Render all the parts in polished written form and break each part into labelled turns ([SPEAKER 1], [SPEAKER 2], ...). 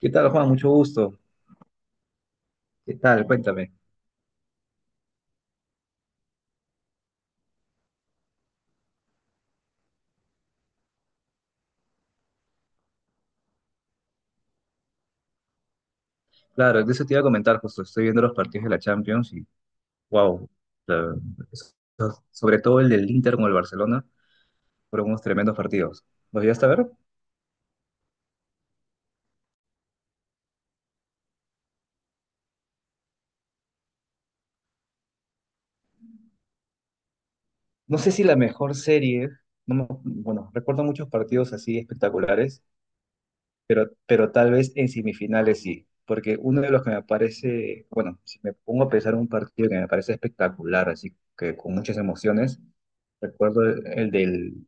[SPEAKER 1] ¿Qué tal, Juan? Mucho gusto. ¿Qué tal? Cuéntame. Claro, de eso te iba a comentar justo. Estoy viendo los partidos de la Champions y, wow, sobre todo el del Inter con el Barcelona, fueron unos tremendos partidos. ¿Los llegaste a ver? No sé si la mejor serie, no me- bueno, recuerdo muchos partidos así espectaculares, pero tal vez en semifinales sí, porque uno de los que me parece, bueno, si me pongo a pensar en un partido que me parece espectacular, así que con muchas emociones, recuerdo el, el del,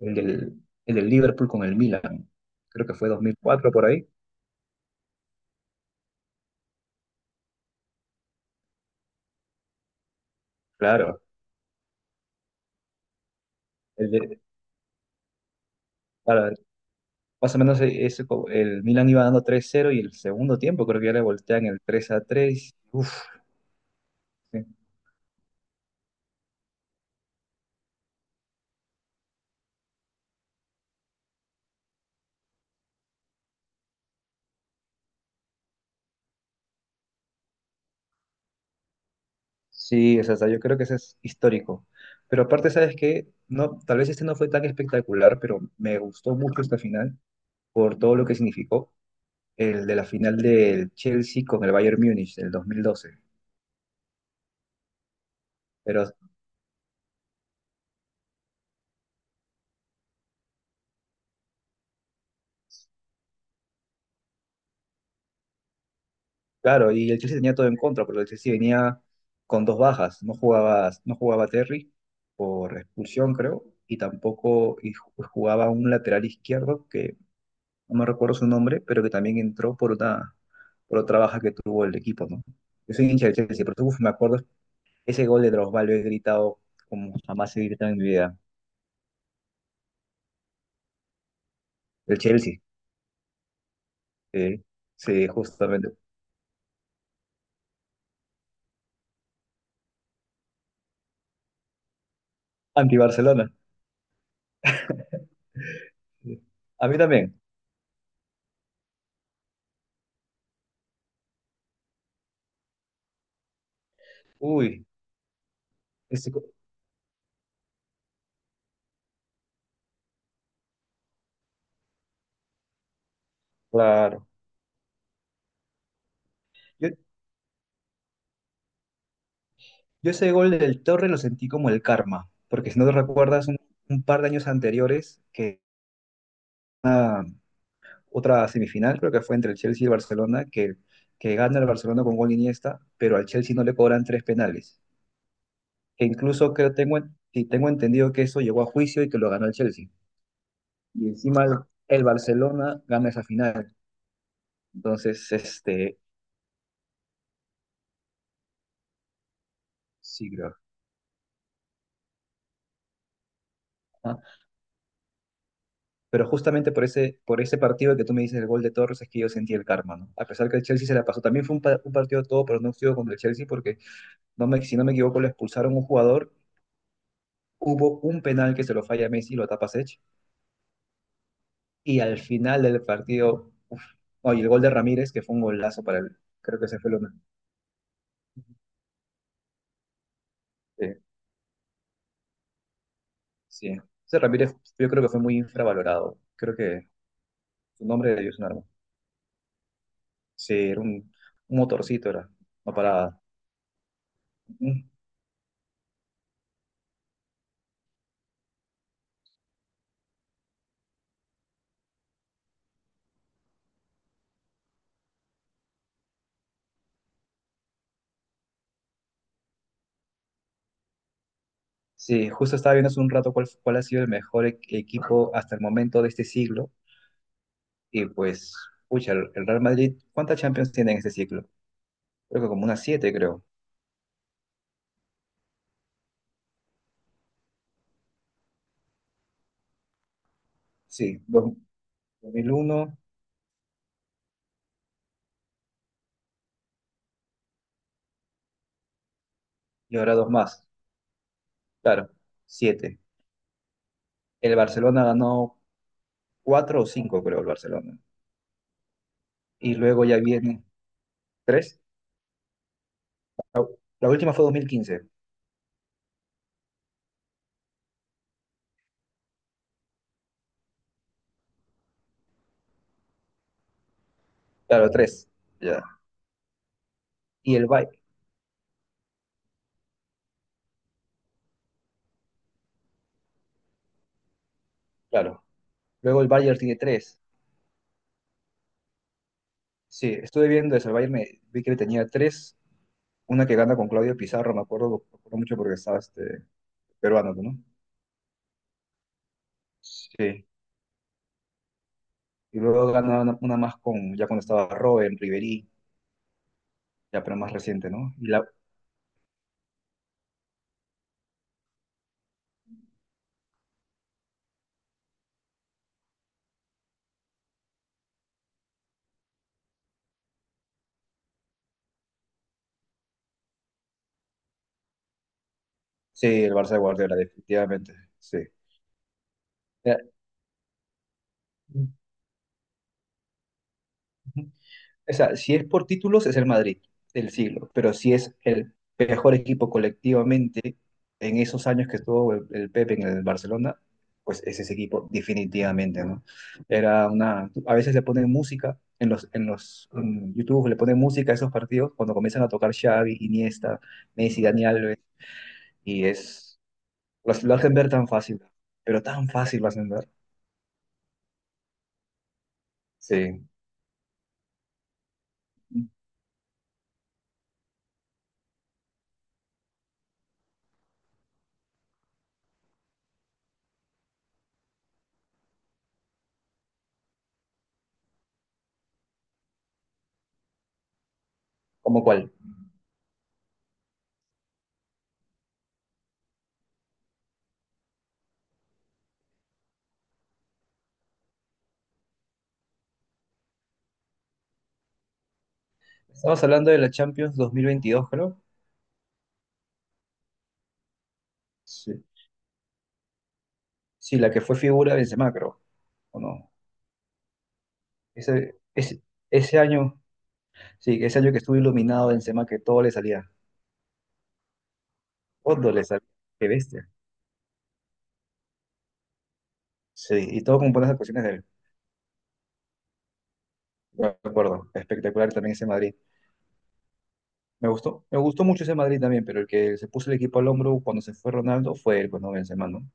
[SPEAKER 1] el del, el del Liverpool con el Milan, creo que fue 2004 por ahí, claro, el de- claro, más o menos ese, el Milan iba dando 3-0 y el segundo tiempo creo que ya le voltean el 3-3, uff. Sí, es hasta yo creo que ese es histórico. Pero aparte, ¿sabes qué? No, tal vez este no fue tan espectacular, pero me gustó mucho esta final por todo lo que significó el de la final del Chelsea con el Bayern Múnich del 2012. Pero claro, y el Chelsea tenía todo en contra, porque el Chelsea venía con dos bajas. No jugaba Terry por expulsión, creo, y tampoco jugaba un lateral izquierdo que no me recuerdo su nombre, pero que también entró por otra baja que tuvo el equipo, ¿no? Yo soy hincha del Chelsea, pero uf, me acuerdo ese gol de Drogba lo he gritado como jamás he gritado en mi vida. El Chelsea, sí, sí, justamente. Anti-Barcelona. Sí. A mí también. Uy, ese, go- claro. Yo, yo ese gol del Torre lo sentí como el karma, porque si no te recuerdas, un par de años anteriores que ah, otra semifinal, creo que fue entre el Chelsea y el Barcelona, que gana el Barcelona con gol de Iniesta, pero al Chelsea no le cobran 3 penales. Que incluso creo tengo, y tengo entendido que eso llegó a juicio y que lo ganó el Chelsea. Y encima el Barcelona gana esa final. Entonces, este, sí, creo. ¿Ah? Pero justamente por ese partido que tú me dices, el gol de Torres, es que yo sentí el karma, ¿no? A pesar que el Chelsea se la pasó. También fue un partido todo pronóstico contra el Chelsea porque, no me, si no me equivoco, lo expulsaron un jugador. Hubo un penal que se lo falla Messi y lo tapa Sech. Y al final del partido, uf, no, y el gol de Ramírez, que fue un golazo para él. Creo que ese fue lo más. Sí, sí. Ese Ramírez, yo creo que fue muy infravalorado. Creo que su nombre de Dios es un arma. Sí, era un motorcito, era. No paraba. Ujú. Sí, justo estaba viendo hace un rato cuál ha sido el mejor equipo hasta el momento de este siglo. Y pues, pucha, el Real Madrid, ¿cuántas Champions tiene en este siglo? Creo que como unas siete, creo. Sí, 2001 y ahora dos más. Claro, siete. El Barcelona ganó cuatro o cinco, creo, el Barcelona. Y luego ya viene tres. La última fue 2015. Claro, tres. Ya. Y el Bayern, claro. Luego el Bayern tiene tres. Sí, estuve viendo eso. El Bayern me, vi que tenía tres. Una que gana con Claudio Pizarro, me acuerdo mucho porque estaba este, peruano, ¿no? Sí. Y luego gana una más con, ya cuando estaba Robben, Ribery, ya, pero más reciente, ¿no? Y la, sí, el Barça de Guardiola, definitivamente. Sí. Ya. O sea, si es por títulos, es el Madrid del siglo, pero si es el mejor equipo colectivamente en esos años que estuvo el Pepe en el Barcelona, pues es ese equipo definitivamente, ¿no? Era una, a veces le ponen música en los, en los en YouTube, le ponen música a esos partidos cuando comienzan a tocar Xavi, Iniesta, Messi, Dani Alves, y es, lo hacen ver tan fácil, pero tan fácil lo hacen ver. Sí. ¿Como cuál? Estamos hablando de la Champions 2022, creo. Sí. Sí, la que fue figura de Benzema, creo. ¿O no? Ese, ese, ese año, sí, ese año que estuvo iluminado Benzema, que todo le salía. Todo le salía. Qué bestia. Sí, y todo con buenas actuaciones de él. De acuerdo. Espectacular también ese Madrid. Me gustó mucho ese Madrid también, pero el que se puso el equipo al hombro cuando se fue Ronaldo fue él, pues no Benzema, ¿no?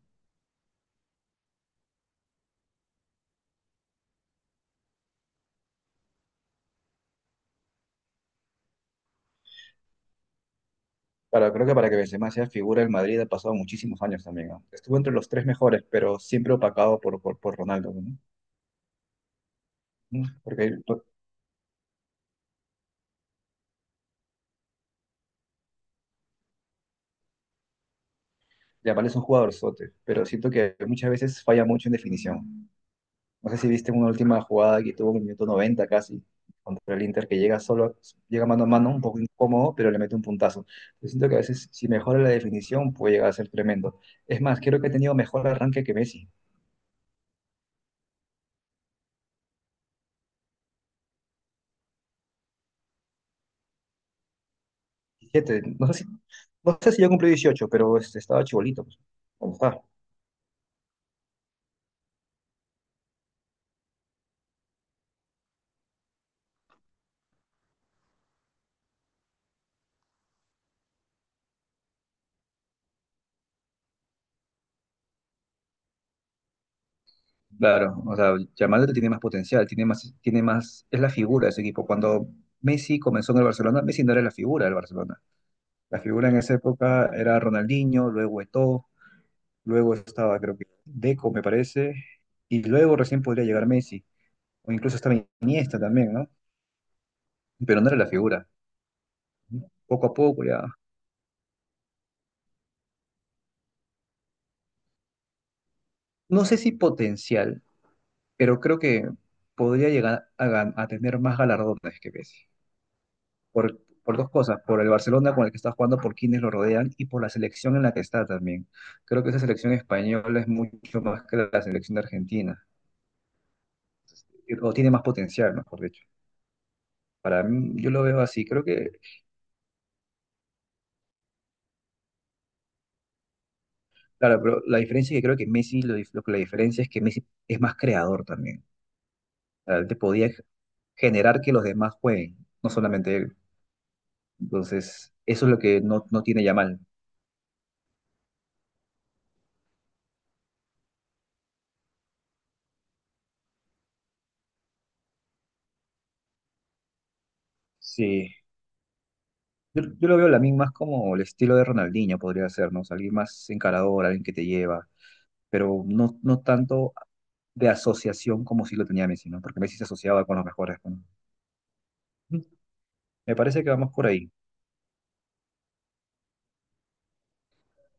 [SPEAKER 1] Para, creo que para que Benzema sea figura del Madrid ha pasado muchísimos años también, ¿no? Estuvo entre los tres mejores, pero siempre opacado por Ronaldo, ¿no? ¿No? Porque Yamal es un jugador sote, pero siento que muchas veces falla mucho en definición. No sé si viste una última jugada que tuvo en el minuto 90 casi contra el Inter, que llega solo, llega mano a mano, un poco incómodo, pero le mete un puntazo. Yo siento que a veces si mejora la definición puede llegar a ser tremendo. Es más, creo que ha tenido mejor arranque que Messi. 17, no sé si, no sé si ya cumplió 18, pero este, estaba chibolito, pues, como está. Claro, o sea, Yamal tiene más potencial, tiene más, es la figura de ese equipo. Cuando Messi comenzó en el Barcelona, Messi no era la figura del Barcelona. La figura en esa época era Ronaldinho, luego Eto'o, luego estaba creo que Deco, me parece, y luego recién podría llegar Messi, o incluso estaba Iniesta también, ¿no? Pero no era la figura. ¿No? Poco a poco ya. No sé si potencial, pero creo que podría llegar a, a tener más galardones que Messi. Por, por dos cosas, por el Barcelona con el que está jugando, por quienes lo rodean y por la selección en la que está también. Creo que esa selección española es mucho más que la selección de Argentina, o tiene más potencial, mejor dicho. Para mí, yo lo veo así. Creo que, claro, pero la diferencia es que creo que Messi, lo, lo que la diferencia es que Messi es más creador también. O sea, él te podía generar que los demás jueguen, no solamente él. Entonces, eso es lo que no tiene Yamal. Sí. Yo lo veo la misma más como el estilo de Ronaldinho podría ser, ¿no? O sea, alguien más encarador, alguien que te lleva, pero no tanto de asociación como si lo tenía Messi, ¿no? Porque Messi se asociaba con los mejores. ¿No? Me parece que vamos por ahí.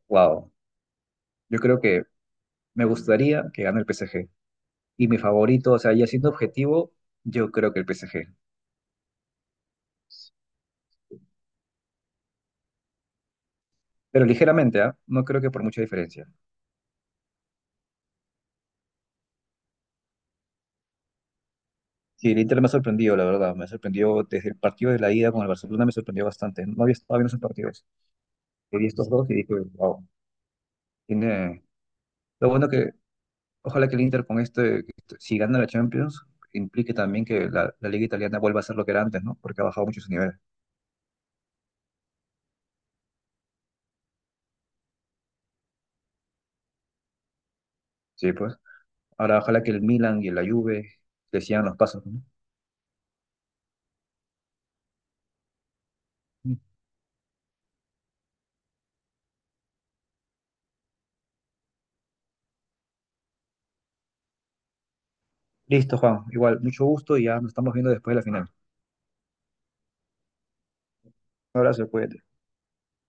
[SPEAKER 1] Wow. Yo creo que me gustaría que gane el PSG. Y mi favorito, o sea, ya siendo objetivo, yo creo que el PSG. Pero ligeramente, ¿ah? No creo que por mucha diferencia. Sí, el Inter me ha sorprendido, la verdad. Me ha sorprendido desde el partido de la ida con el Barcelona, me sorprendió bastante. No había estado viendo esos partidos. Y vi estos dos y dije, wow. Tiene... Lo bueno que, ojalá que el Inter con este, si gana la Champions, implique también que la, la Liga Italiana vuelva a ser lo que era antes, ¿no? Porque ha bajado mucho su nivel. Sí, pues. Ahora, ojalá que el Milan y la Juve le sigan los pasos, ¿no? Listo, Juan. Igual, mucho gusto y ya nos estamos viendo después de la final. Un abrazo, cuídate.